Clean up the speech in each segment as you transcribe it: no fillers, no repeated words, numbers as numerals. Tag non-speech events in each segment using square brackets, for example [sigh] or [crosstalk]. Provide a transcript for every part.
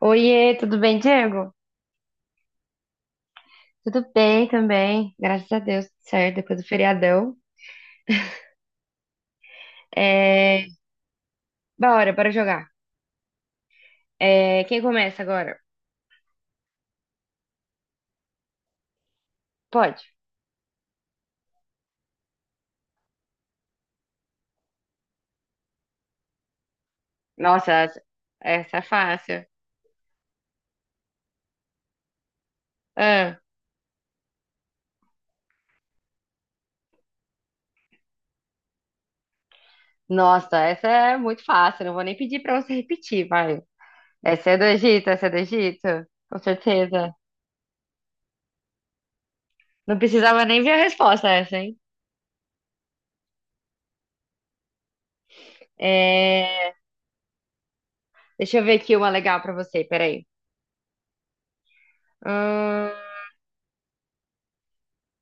Oiê, tudo bem, Diego? Tudo bem também, graças a Deus, tudo certo, depois do feriadão. É... bora jogar. Quem começa agora? Pode. Nossa, essa é fácil. Ah, nossa, essa é muito fácil, não vou nem pedir pra você repetir, vai. Essa é do Egito, essa é do Egito, com certeza. Não precisava nem ver a resposta essa, hein? É... Deixa eu ver aqui uma legal pra você, peraí. Hum...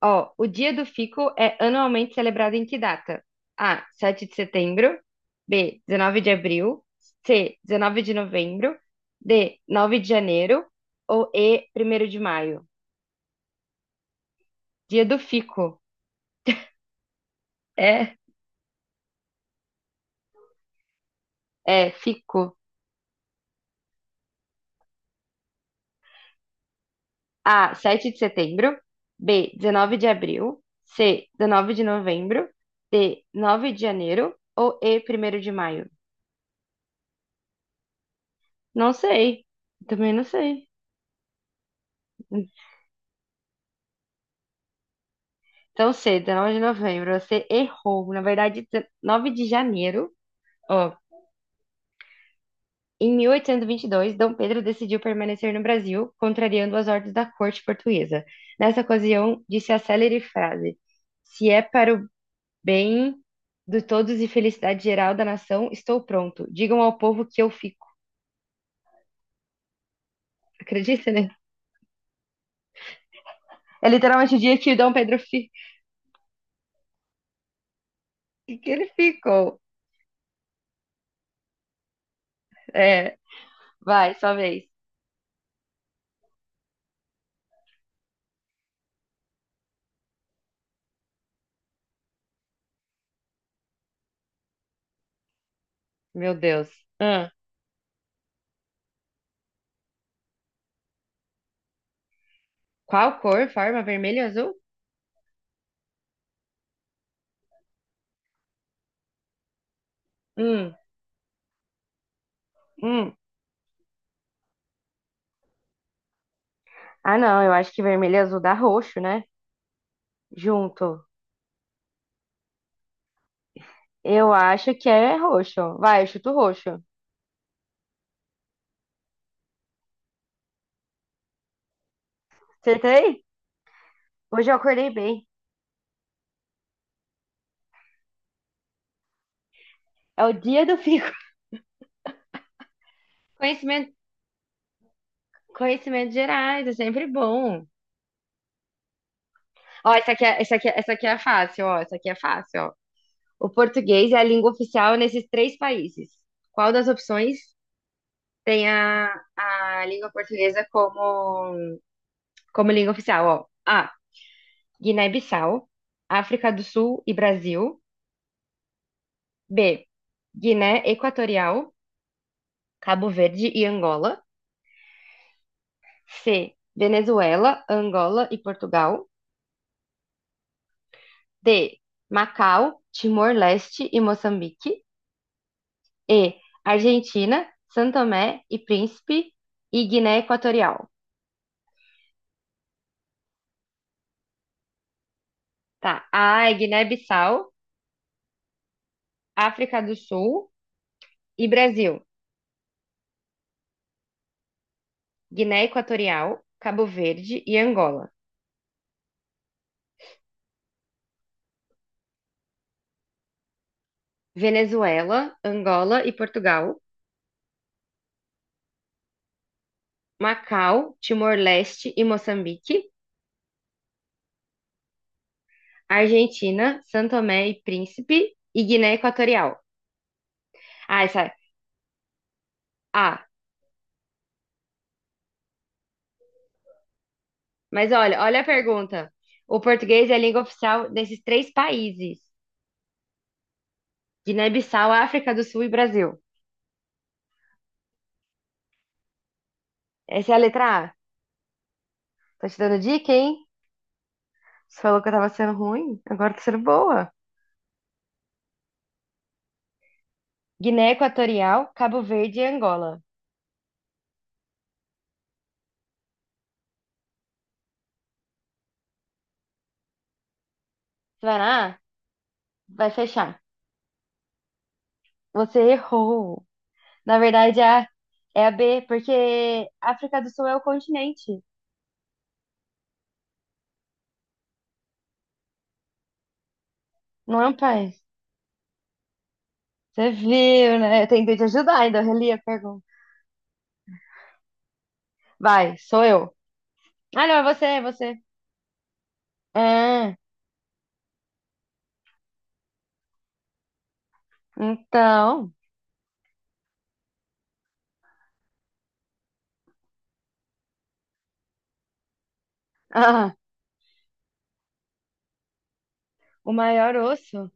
Ó, o Dia do Fico é anualmente celebrado em que data? A, 7 de setembro. B, 19 de abril. C, 19 de novembro. D, 9 de janeiro. Ou E, primeiro de maio. Dia do Fico. É, É, fico. A, 7 de setembro. B, 19 de abril. C, 19 de novembro. D, 9 de janeiro. Ou E, primeiro de maio. Não sei. Também não sei. Tão cedo, 9 de novembro, você errou. Na verdade, 9 de janeiro, ó. Em 1822, Dom Pedro decidiu permanecer no Brasil, contrariando as ordens da corte portuguesa. Nessa ocasião, disse a célere frase: se é para o bem de todos e felicidade geral da nação, estou pronto. Digam ao povo que eu fico. [laughs] Acredita, né? É literalmente o dia que o Dom Pedro fi... [laughs] que ele ficou. É, vai, sua vez. Meu Deus. Hum. Qual cor? Forma vermelho e azul? Hum. Hum. Ah, não, eu acho que vermelho e azul dá roxo, né? Junto. Eu acho que é roxo. Vai, eu chuto roxo. Acertei? Hoje eu acordei bem. É o dia do fico. [laughs] Conhecimento, conhecimento gerais, é sempre bom. Ó, essa aqui é fácil, ó. Essa aqui é fácil, ó. O português é a língua oficial nesses três países. Qual das opções tem a língua portuguesa como, como língua oficial? Ó, A. Guiné-Bissau, África do Sul e Brasil. B. Guiné Equatorial, Cabo Verde e Angola. C. Venezuela, Angola e Portugal. D. Macau, Timor-Leste e Moçambique. E. Argentina, São Tomé e Príncipe e Guiné Equatorial. Tá. A é Guiné-Bissau, África do Sul e Brasil. Guiné Equatorial, Cabo Verde e Angola. Venezuela, Angola e Portugal. Macau, Timor-Leste e Moçambique. Argentina, São Tomé e Príncipe e Guiné Equatorial. Ah, essa... é. ah, mas olha, olha a pergunta. O português é a língua oficial desses três países: Guiné-Bissau, África do Sul e Brasil. Essa é a letra A. Tô te dando dica, hein? Você falou que eu tava sendo ruim, agora tô sendo boa. Guiné Equatorial, Cabo Verde e Angola. Você vai na A? Vai fechar. Você errou. Na verdade, é a B, porque África do Sul é o continente, não é um país. Você viu, né? Eu tentei te ajudar, ainda eu reli a pergunta. Vai, sou eu. Ah, não, é você, é você. É, então. [laughs] Ah, o maior osso.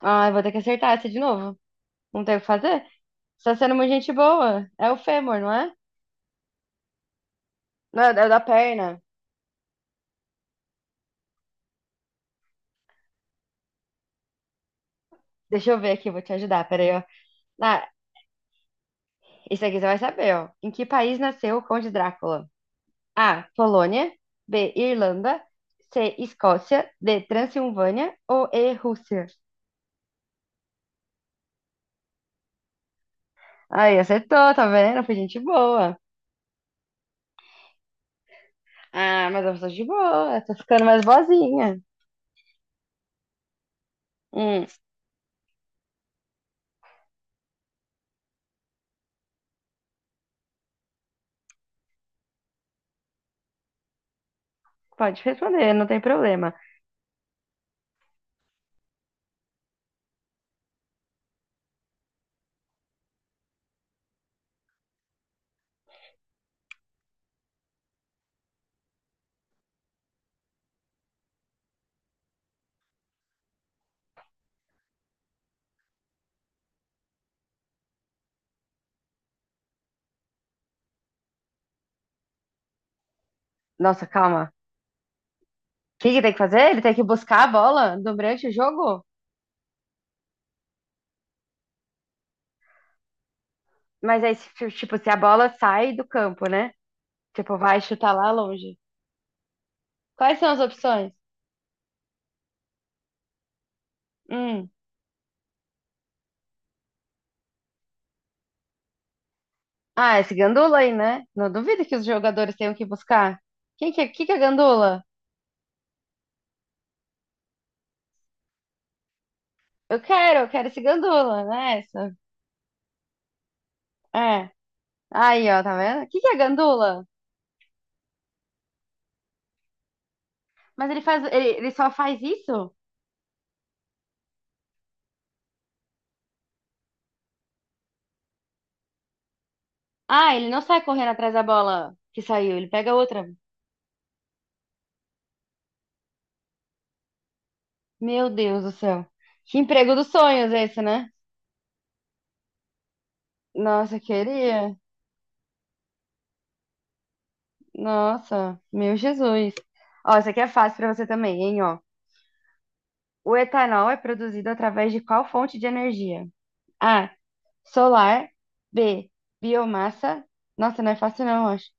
Ah, eu vou ter que acertar essa de novo. Não tem o que fazer? Você tá sendo uma gente boa. É o fêmur, não é? Não, é o da perna. Deixa eu ver aqui, eu vou te ajudar. Peraí, ó. Ah, isso aqui você vai saber, ó. Em que país nasceu o Conde Drácula? A. Polônia. B. Irlanda. C. Escócia. D. Transilvânia. Ou E. Rússia? Aí, acertou, tá vendo? Foi gente boa. Ah, mas eu sou de boa, tô ficando mais boazinha. Hum, pode responder, não tem problema. Nossa, calma. O que que tem que fazer? Ele tem que buscar a bola durante o jogo? Mas aí, tipo, se a bola sai do campo, né? Tipo, vai chutar lá longe. Quais são as opções? Hum. Ah, esse gandula aí, né? Não duvido que os jogadores tenham que buscar. Quem que é gandula? Eu quero esse gandula, né? Essa. É. Aí, ó, tá vendo? O que que é gandula? Mas ele faz, ele só faz isso? Ah, ele não sai correndo atrás da bola que saiu, ele pega outra. Meu Deus do céu. Que emprego dos sonhos esse, né? Nossa, queria. Nossa, meu Jesus. Ó, isso aqui é fácil pra você também, hein, ó. O etanol é produzido através de qual fonte de energia? A, solar, B, biomassa. Nossa, não é fácil não, eu acho.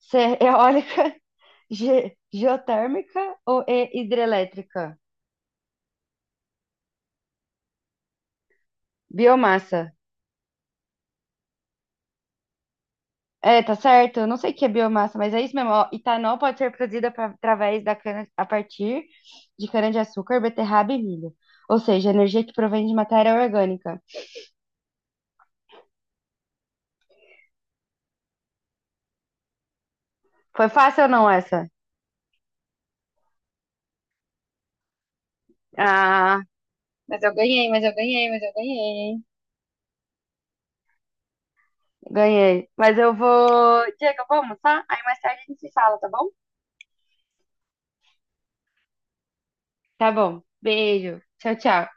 C, eólica, [laughs] G, geotérmica ou E, hidrelétrica? Biomassa. É, tá certo. Eu não sei o que é biomassa, mas é isso mesmo. Ó. Etanol pode ser produzido através da cana, a partir de cana-de-açúcar, beterraba e milho. Ou seja, energia que provém de matéria orgânica. Foi fácil ou não essa? Ah, mas eu ganhei, hein? Ganhei. Mas eu vou. Diego, vamos, tá? Aí mais tarde a gente se fala, tá bom? Tá bom. Beijo. Tchau, tchau.